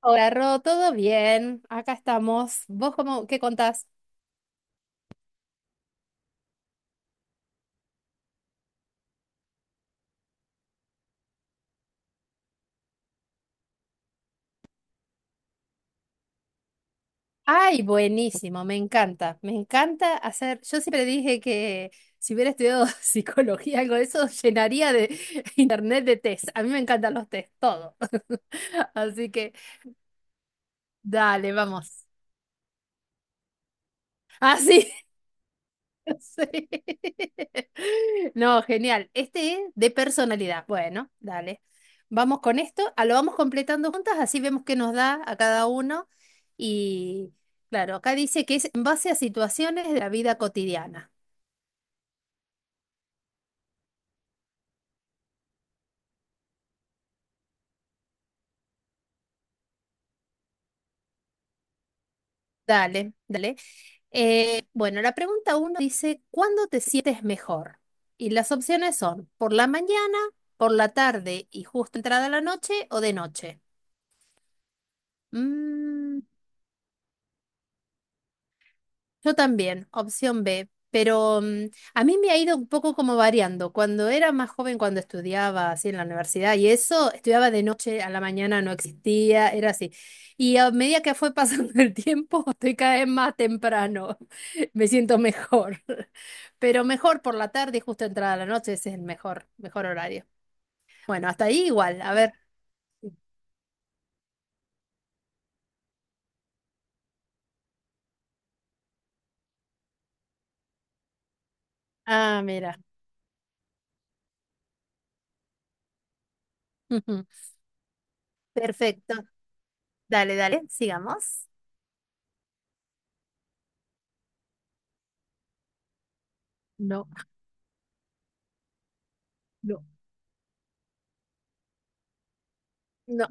Hola, Ro, ¿todo bien? Acá estamos. ¿Vos cómo, qué contás? Ay, buenísimo, me encanta. Me encanta hacer. Yo siempre dije que si hubiera estudiado psicología, algo de eso, llenaría de internet de test. A mí me encantan los test, todo. Así que, dale, vamos. Así. Sí. No, genial. Este es de personalidad. Bueno, dale. Vamos con esto, a lo vamos completando juntas, así vemos qué nos da a cada uno. Y claro, acá dice que es en base a situaciones de la vida cotidiana. Dale, dale. Bueno, la pregunta uno dice, ¿cuándo te sientes mejor? Y las opciones son por la mañana, por la tarde y justo entrada la noche o de noche. Mm, Yo también, opción B, pero a mí me ha ido un poco como variando. Cuando era más joven, cuando estudiaba así en la universidad y eso, estudiaba de noche a la mañana, no existía, era así. Y a medida que fue pasando el tiempo, estoy cada vez más temprano, me siento mejor. Pero mejor por la tarde y justo entrada la noche, ese es el mejor, mejor horario. Bueno, hasta ahí igual, a ver. Ah, mira. Ujú. Perfecto. Dale, dale, sigamos. No, no. No.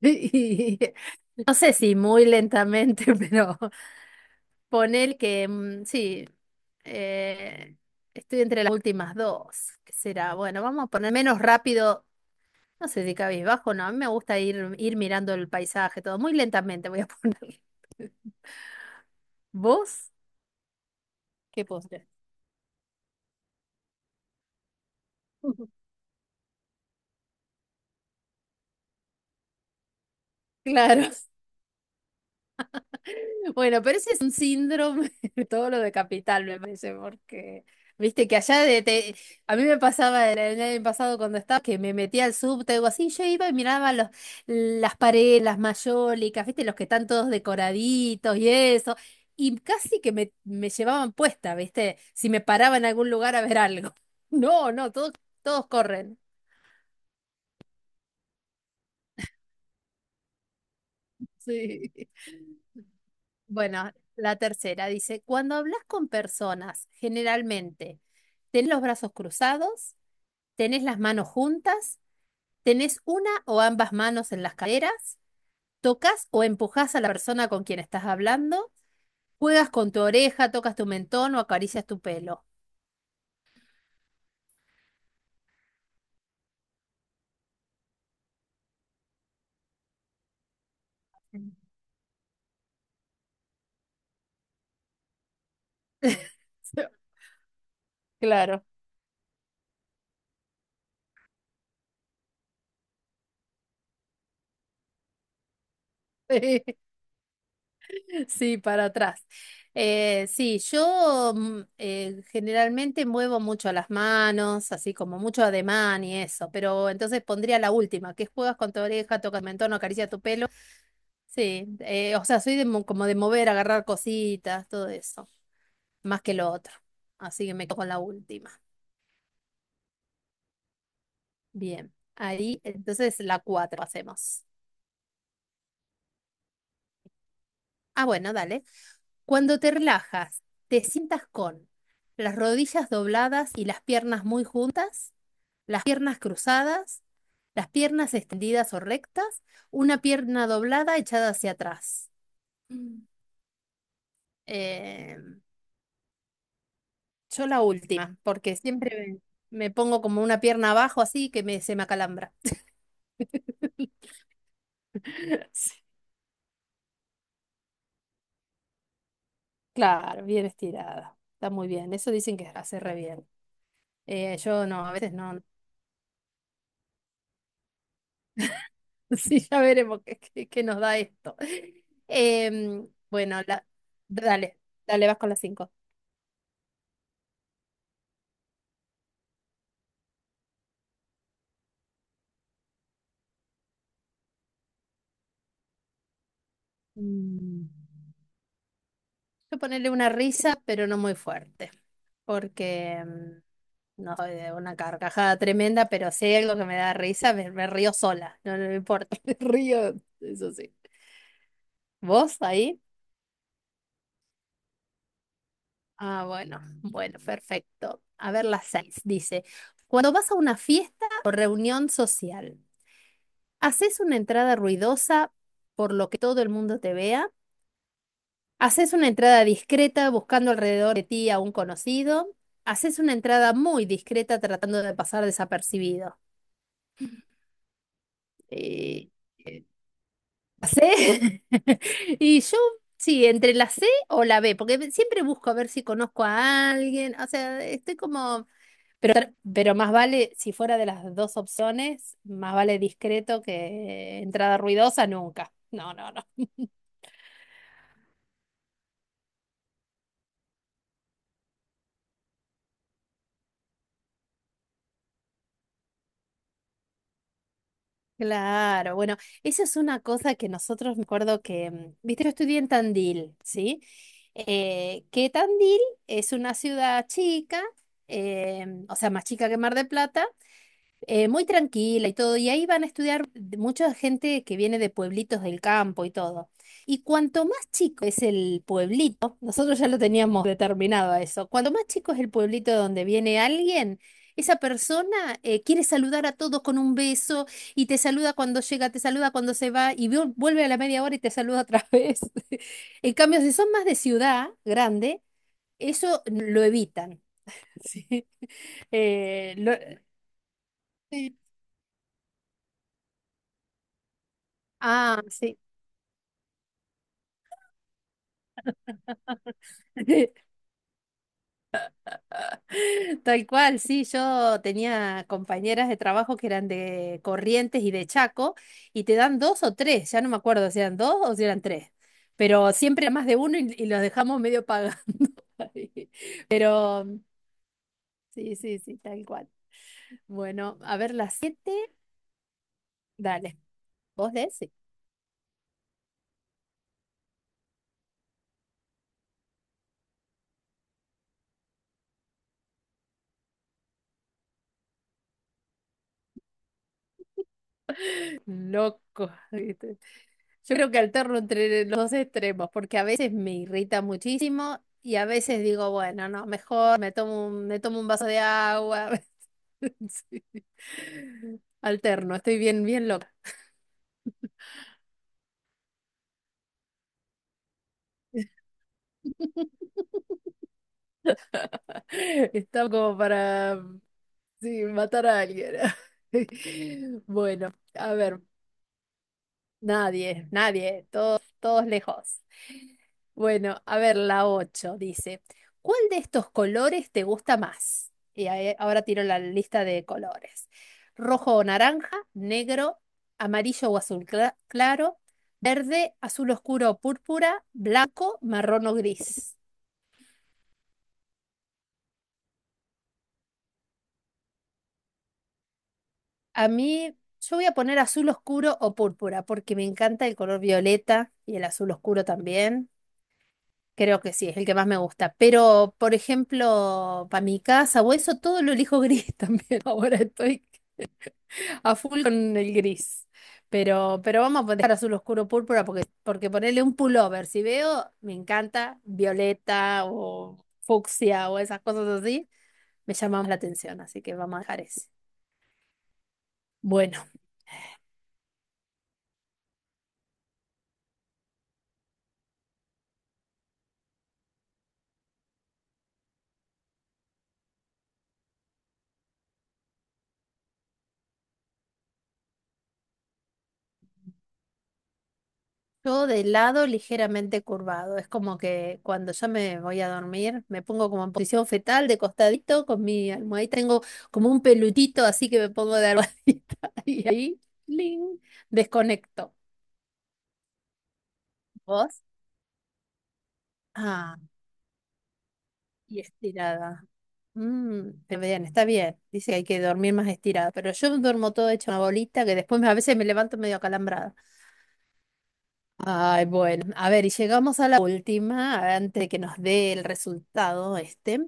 No sé si muy lentamente, pero ponel que sí, eh, estoy entre las últimas dos. ¿Qué será? Bueno, vamos a poner menos rápido, no sé si cabizbajo, no, a mí me gusta ir, mirando el paisaje, todo muy lentamente voy a poner. ¿Vos? ¿Qué postre? Claro. Bueno, pero ese es un síndrome de todo lo de capital, me parece, porque viste que allá a mí me pasaba el año pasado cuando estaba que me metía al subte o así, yo iba y miraba las paredes, las mayólicas, viste, los que están todos decoraditos y eso, y casi que me llevaban puesta, viste, si me paraba en algún lugar a ver algo. No, no, todos, todos corren. Sí. Bueno, la tercera dice, cuando hablas con personas, generalmente, ¿tenés los brazos cruzados? ¿Tenés las manos juntas? ¿Tenés una o ambas manos en las caderas? ¿Tocas o empujás a la persona con quien estás hablando? ¿Juegas con tu oreja, tocas tu mentón o acaricias tu pelo? Claro. Sí, para atrás. Sí, yo generalmente muevo mucho las manos, así como mucho ademán y eso, pero entonces pondría la última, que es juegas con tu oreja, tocas mentón, acaricia tu pelo. Sí, o sea, soy como de mover, agarrar cositas, todo eso, más que lo otro. Así que me quedo con la última. Bien, ahí entonces la cuatro hacemos. Ah, bueno, dale. Cuando te relajas, te sientas con las rodillas dobladas y las piernas muy juntas, las piernas cruzadas, las piernas extendidas o rectas, una pierna doblada echada hacia atrás. Mm. Eh, yo la última, porque siempre me pongo como una pierna abajo así que se me acalambra. Sí. Claro, bien estirada. Está muy bien. Eso dicen que hace re bien. Yo no, a veces no. Sí, ya veremos qué nos da esto. Em, bueno, la- dale, dale, vas con las cinco. Mm, Yo ponerle una risa, pero no muy fuerte, porque no soy de una carcajada tremenda, pero si hay algo que me da risa, me río sola, no, no me importa, me río, eso sí. ¿Vos ahí? Ah, bueno, bueno, perfecto. A ver, las seis dice, cuando vas a una fiesta o reunión social. Haces una entrada ruidosa por lo que todo el mundo te vea. Haces una entrada discreta buscando alrededor de ti a un conocido. Haces una entrada muy discreta tratando de pasar desapercibido. Eh, eh, ¿La C? Y yo, sí, entre la C o la B, porque siempre busco a ver si conozco a alguien. O sea, estoy como. Pero, pero más vale, si fuera de las dos opciones, más vale discreto que entrada ruidosa nunca. No, no, no. Claro, bueno, esa es una cosa que nosotros me acuerdo que, viste, yo estudié en Tandil, ¿sí? Que Tandil es una ciudad chica, o sea, más chica que Mar del Plata, muy tranquila y todo, y ahí van a estudiar mucha gente que viene de pueblitos del campo y todo. Y cuanto más chico es el pueblito, nosotros ya lo teníamos determinado a eso, cuanto más chico es el pueblito de donde viene alguien, esa persona quiere saludar a todos con un beso y te saluda cuando llega, te saluda cuando se va y vuelve a la media hora y te saluda otra vez. En cambio, si son más de ciudad grande, eso lo evitan. Sí. Eh, lo- Sí. Ah, sí. Tal cual, sí, yo tenía compañeras de trabajo que eran de Corrientes y de Chaco, y te dan dos o tres, ya no me acuerdo si eran dos o si eran tres, pero siempre más de uno y los dejamos medio pagando. ahí. Pero sí, sí, sí, tal cual. Bueno, a ver, las siete, dale, vos lees. Sí. Loco. Yo creo que alterno entre los dos extremos, porque a veces me irrita muchísimo y a veces digo, bueno, no, mejor me tomo un vaso de agua. Sí. Alterno, estoy bien, bien loca. Estaba como para, sí, matar a alguien. Bueno, a ver. Nadie, nadie, todos, todos lejos. Bueno, a ver, la 8 dice, ¿cuál de estos colores te gusta más? Y ahora tiro la lista de colores. Rojo o naranja, negro, amarillo o azul claro, verde, azul oscuro o púrpura, blanco, marrón o gris. A mí, yo voy a poner azul oscuro o púrpura porque me encanta el color violeta y el azul oscuro también. Creo que sí, es el que más me gusta. Pero, por ejemplo, para mi casa o eso, todo lo elijo gris también. Ahora estoy a full con el gris. Pero vamos a poner azul oscuro púrpura porque, ponerle un pullover, si veo, me encanta violeta o fucsia o esas cosas así, me llama más la atención. Así que vamos a dejar ese. Bueno. Yo de lado ligeramente curvado. Es como que cuando yo me voy a dormir, me pongo como en posición fetal, de costadito, con mi almohadita. Tengo como un pelutito, así que me pongo de almohadita. Y ahí, ¡ling! Desconecto. ¿Vos? Ah, y estirada. Está bien, está bien. Dice que hay que dormir más estirada. Pero yo duermo todo hecho una bolita que después a veces me levanto medio acalambrada. Ay, bueno. A ver, y llegamos a la última, antes de que nos dé el resultado este.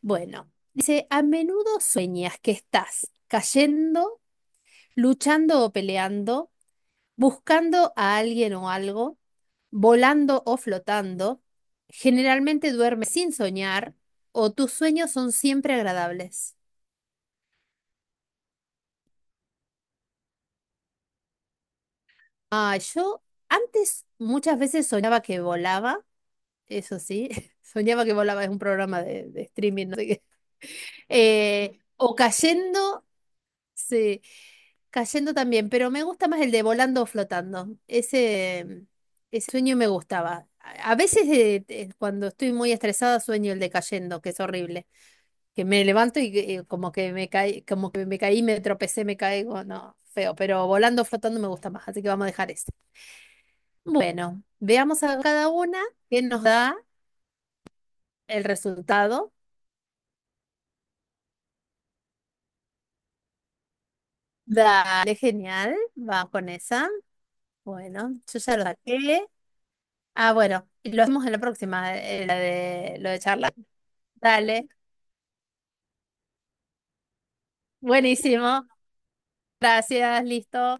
Bueno, dice, a menudo sueñas que estás cayendo, luchando o peleando, buscando a alguien o algo, volando o flotando. Generalmente duermes sin soñar o tus sueños son siempre agradables. Ah, yo antes muchas veces soñaba que volaba, eso sí, soñaba que volaba, es un programa de streaming, no sé qué. O cayendo. Sí, cayendo también, pero me gusta más el de volando o flotando. Ese sueño me gustaba. A veces cuando estoy muy estresada sueño el de cayendo, que es horrible. Que me levanto y que, como que me caí, me tropecé, me caigo, no, feo, pero volando o flotando me gusta más, así que vamos a dejar ese. Bueno, veamos a cada una qué nos da el resultado. Dale, genial, va con esa. Bueno, yo ya lo saqué. Ah, bueno, y lo hacemos en la próxima, la de lo de charla. Dale, buenísimo. Gracias, listo.